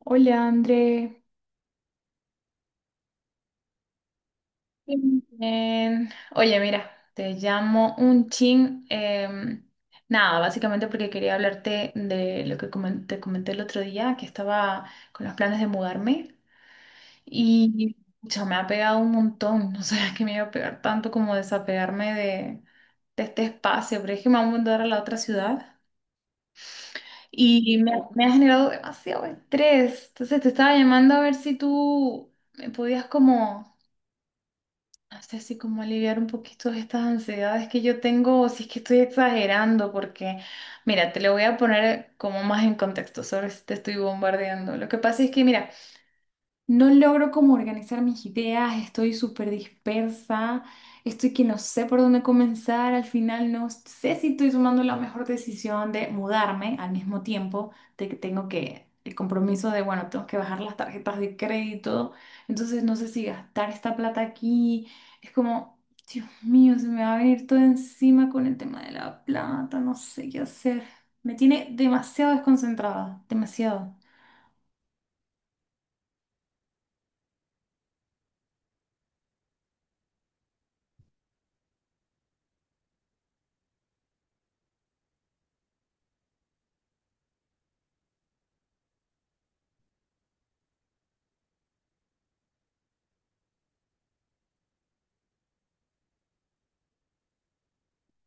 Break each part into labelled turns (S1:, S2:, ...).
S1: Hola, André. Bien. Oye, mira, te llamo un chin. Nada, básicamente porque quería hablarte de lo que te comenté el otro día, que estaba con los planes de mudarme y pucha, me ha pegado un montón. No sabía que me iba a pegar tanto como desapegarme de este espacio, pero es que me voy a mudar a la otra ciudad y me ha generado demasiado estrés. Entonces te estaba llamando a ver si tú me podías como... No sé, si como aliviar un poquito estas ansiedades que yo tengo, o si es que estoy exagerando, porque mira, te lo voy a poner como más en contexto, sobre si te estoy bombardeando. Lo que pasa es que, mira, no logro como organizar mis ideas, estoy súper dispersa, estoy que no sé por dónde comenzar, al final no sé si estoy tomando la mejor decisión de mudarme al mismo tiempo, de que tengo que, el compromiso de, bueno, tengo que bajar las tarjetas de crédito, entonces no sé si gastar esta plata aquí, es como, Dios mío, se me va a venir todo encima con el tema de la plata, no sé qué hacer, me tiene demasiado desconcentrada, demasiado.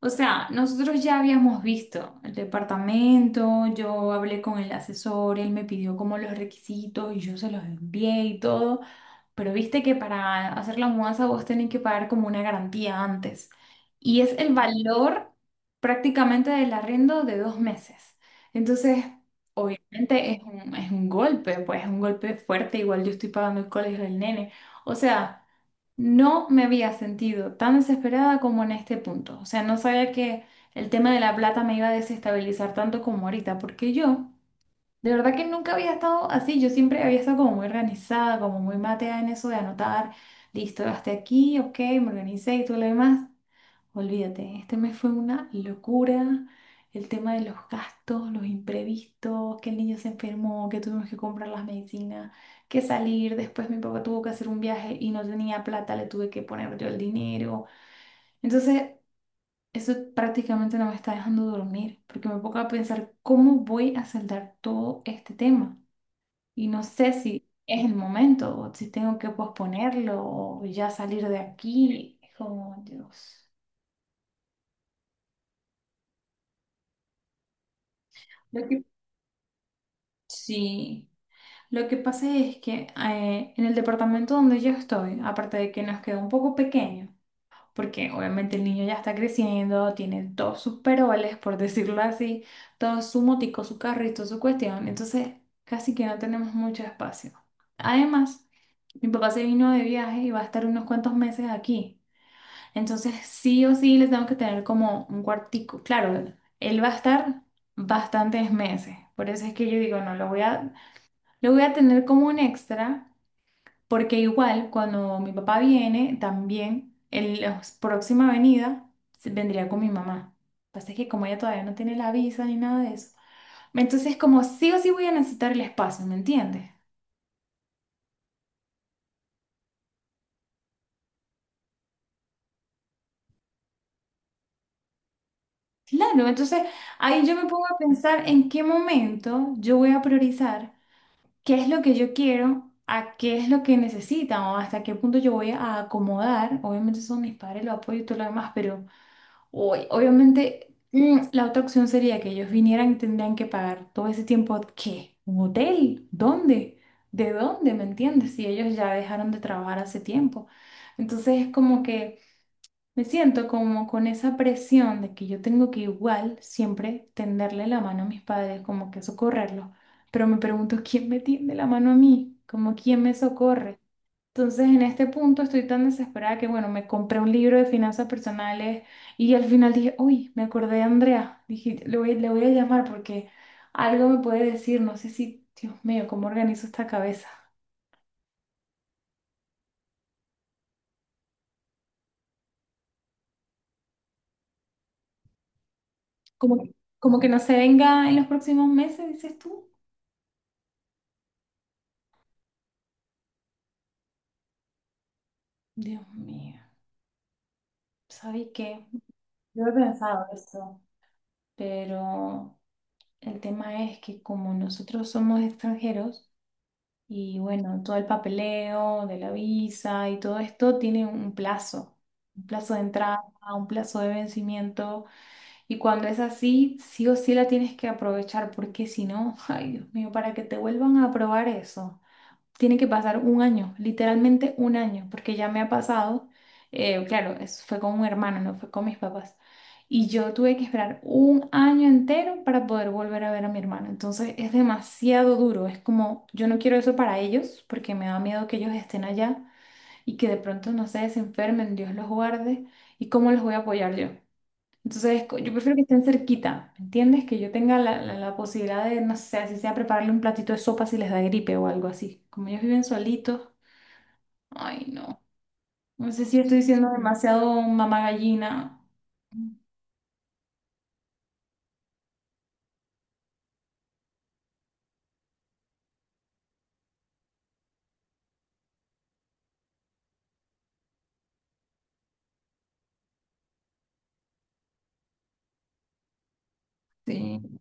S1: O sea, nosotros ya habíamos visto el departamento, yo hablé con el asesor, él me pidió como los requisitos y yo se los envié y todo. Pero viste que para hacer la mudanza vos tenés que pagar como una garantía antes. Y es el valor prácticamente del arriendo de dos meses. Entonces, obviamente es un golpe, pues es un golpe fuerte. Igual yo estoy pagando el colegio del nene. O sea, no me había sentido tan desesperada como en este punto. O sea, no sabía que el tema de la plata me iba a desestabilizar tanto como ahorita, porque yo... De verdad que nunca había estado así, yo siempre había estado como muy organizada, como muy mateada en eso de anotar, listo, gasté aquí, ok, me organicé y todo lo demás. Olvídate, este mes fue una locura, el tema de los gastos, los imprevistos, que el niño se enfermó, que tuvimos que comprar las medicinas, que salir, después mi papá tuvo que hacer un viaje y no tenía plata, le tuve que poner yo el dinero. Entonces, eso prácticamente no me está dejando dormir, porque me pongo a pensar cómo voy a saldar todo este tema. Y no sé si es el momento o si tengo que posponerlo o ya salir de aquí. Es como, Dios. Lo que, sí, lo que pasa es que en el departamento donde yo estoy, aparte de que nos queda un poco pequeño, porque obviamente el niño ya está creciendo, tiene todos sus peroles, por decirlo así, todo su motico, su carrito, su cuestión. Entonces, casi que no tenemos mucho espacio. Además, mi papá se vino de viaje y va a estar unos cuantos meses aquí. Entonces, sí o sí le tengo que tener como un cuartico. Claro, él va a estar bastantes meses. Por eso es que yo digo, no, lo voy a tener como un extra, porque igual cuando mi papá viene, también en la próxima venida vendría con mi mamá. Pasa es que como ella todavía no tiene la visa ni nada de eso. Entonces, como sí o sí voy a necesitar el espacio, ¿me entiendes? Claro, entonces ahí yo me pongo a pensar en qué momento yo voy a priorizar, qué es lo que yo quiero, a qué es lo que necesitan o hasta qué punto yo voy a acomodar. Obviamente son mis padres, los apoyo y todo lo demás, pero hoy, obviamente la otra opción sería que ellos vinieran y tendrían que pagar todo ese tiempo, ¿qué? ¿Un hotel? ¿Dónde? ¿De dónde? ¿Me entiendes? Si ellos ya dejaron de trabajar hace tiempo. Entonces es como que... Me siento como con esa presión de que yo tengo que igual siempre tenderle la mano a mis padres, como que socorrerlos, pero me pregunto quién me tiende la mano a mí, como quién me socorre. Entonces en este punto estoy tan desesperada que bueno, me compré un libro de finanzas personales y al final dije, uy, me acordé de Andrea, dije, le voy a llamar porque algo me puede decir, no sé si, Dios mío, cómo organizo esta cabeza. Como, como que no se venga en los próximos meses, dices tú. Dios mío, ¿sabes qué? Yo he pensado eso, pero el tema es que como nosotros somos extranjeros y bueno, todo el papeleo de la visa y todo esto tiene un plazo de entrada, un plazo de vencimiento y cuando es así, sí o sí la tienes que aprovechar porque si no, ay Dios mío, para que te vuelvan a aprobar eso tiene que pasar un año, literalmente un año, porque ya me ha pasado, claro, eso fue con un hermano, no fue con mis papás. Y yo tuve que esperar un año entero para poder volver a ver a mi hermano. Entonces es demasiado duro. Es como, yo no quiero eso para ellos porque me da miedo que ellos estén allá y que de pronto, no sé, se enfermen, Dios los guarde. ¿Y cómo los voy a apoyar yo? Entonces, yo prefiero que estén cerquita, ¿me entiendes? Que yo tenga la posibilidad de, no sé, así sea prepararle un platito de sopa si les da gripe o algo así. Como ellos viven solitos. Ay, no. No sé si estoy siendo demasiado mamá gallina. Sí.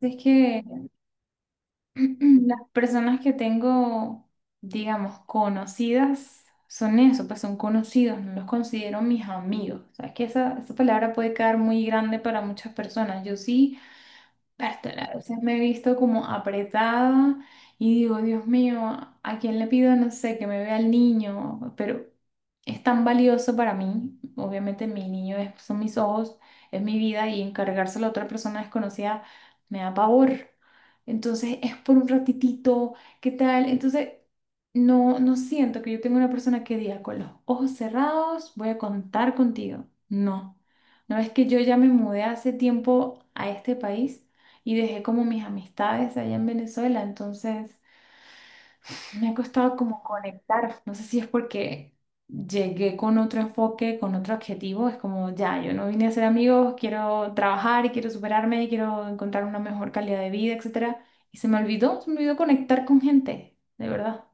S1: Es que las personas que tengo, digamos, conocidas, son eso, pues son conocidos, no los considero mis amigos. O sea, es que esa palabra puede quedar muy grande para muchas personas. Yo sí. Bertale, a veces me he visto como apretada y digo, Dios mío, ¿a quién le pido, no sé, que me vea el niño? Pero es tan valioso para mí, obviamente mi niño son mis ojos, es mi vida y encargárselo a otra persona desconocida me da pavor. Entonces es por un ratitito, ¿qué tal? Entonces no, no siento que yo tenga una persona que diga con los ojos cerrados voy a contar contigo. No, no es que yo ya me mudé hace tiempo a este país y dejé como mis amistades allá en Venezuela, entonces me ha costado como conectar, no sé si es porque llegué con otro enfoque, con otro objetivo, es como ya, yo no vine a ser amigos, quiero trabajar, quiero superarme, quiero encontrar una mejor calidad de vida, etcétera, y se me olvidó conectar con gente, de verdad.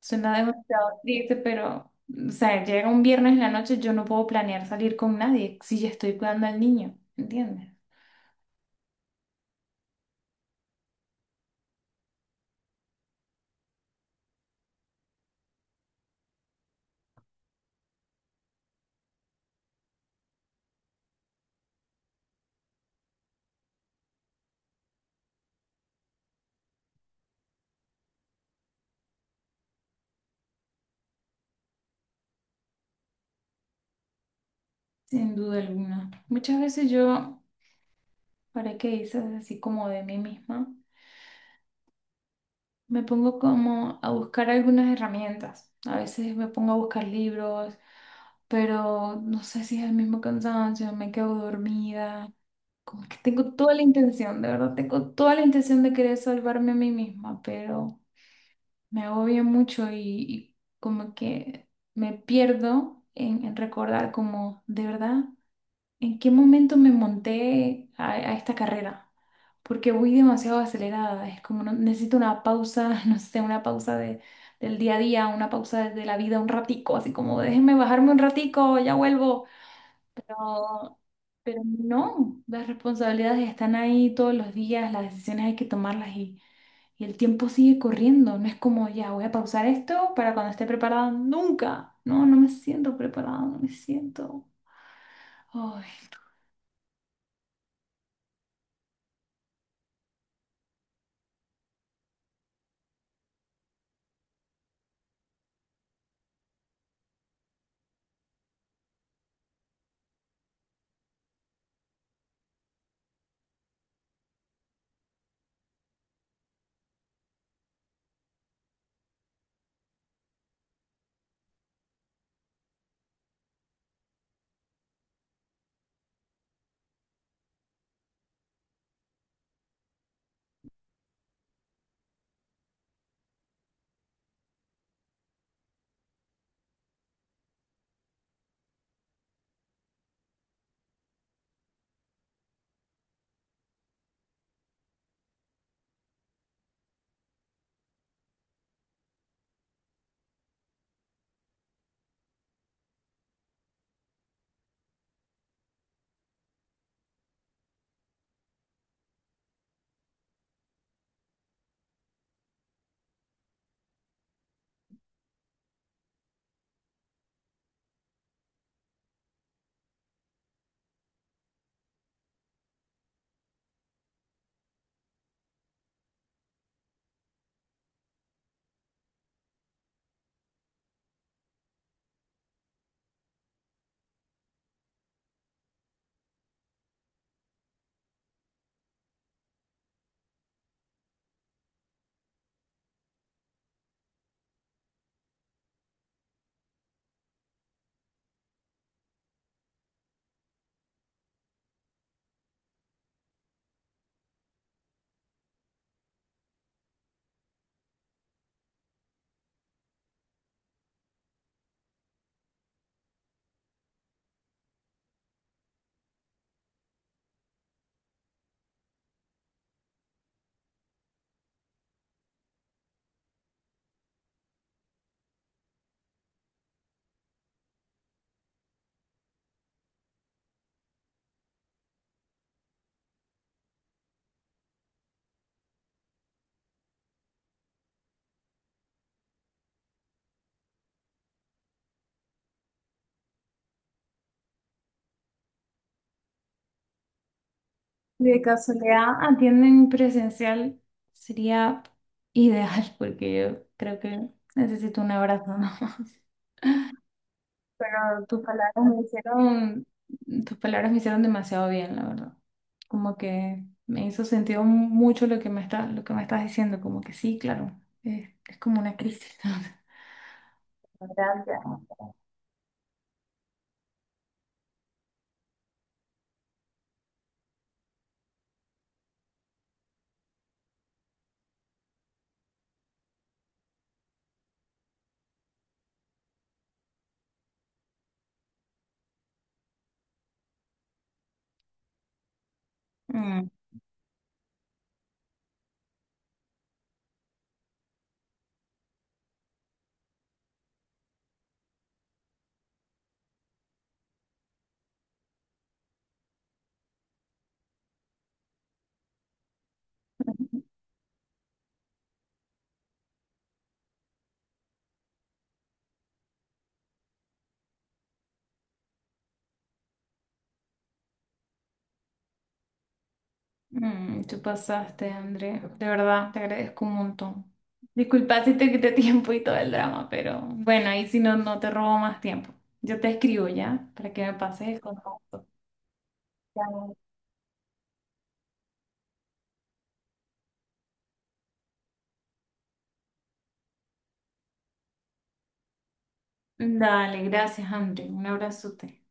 S1: Suena demasiado triste, pero o sea, llega un viernes en la noche, yo no puedo planear salir con nadie si ya estoy cuidando al niño, ¿entiendes? Sin duda alguna. Muchas veces yo... Ahora que dices así como de mí misma, me pongo como a buscar algunas herramientas. A veces me pongo a buscar libros, pero no sé si es el mismo cansancio, me quedo dormida. Como que tengo toda la intención, de verdad, tengo toda la intención de querer salvarme a mí misma, pero me agobia mucho y como que me pierdo en recordar como, de verdad, en qué momento me monté a esta carrera, porque voy demasiado acelerada, es como necesito una pausa, no sé, una pausa de, del día a día, una pausa de la vida un ratico, así como déjenme bajarme un ratico, ya vuelvo. Pero, pero no, las responsabilidades están ahí todos los días, las decisiones hay que tomarlas y el tiempo sigue corriendo, no es como ya voy a pausar esto para cuando esté preparada, nunca, no, no me siento preparada, no me siento... Ay. Si de casualidad atienden presencial, sería ideal porque yo creo que necesito un abrazo, ¿no? Pero tus palabras me hicieron demasiado bien, la verdad. Como que me hizo sentido mucho lo que me estás diciendo, como que sí, claro, es como una crisis. Gracias. Mm. Mm, tú pasaste, André. De verdad, te agradezco un montón. Disculpa si te quité tiempo y todo el drama, pero bueno, ahí si no, no te robo más tiempo. Yo te escribo ya para que me pases el contacto. Dale. Dale, gracias, André. Un abrazote.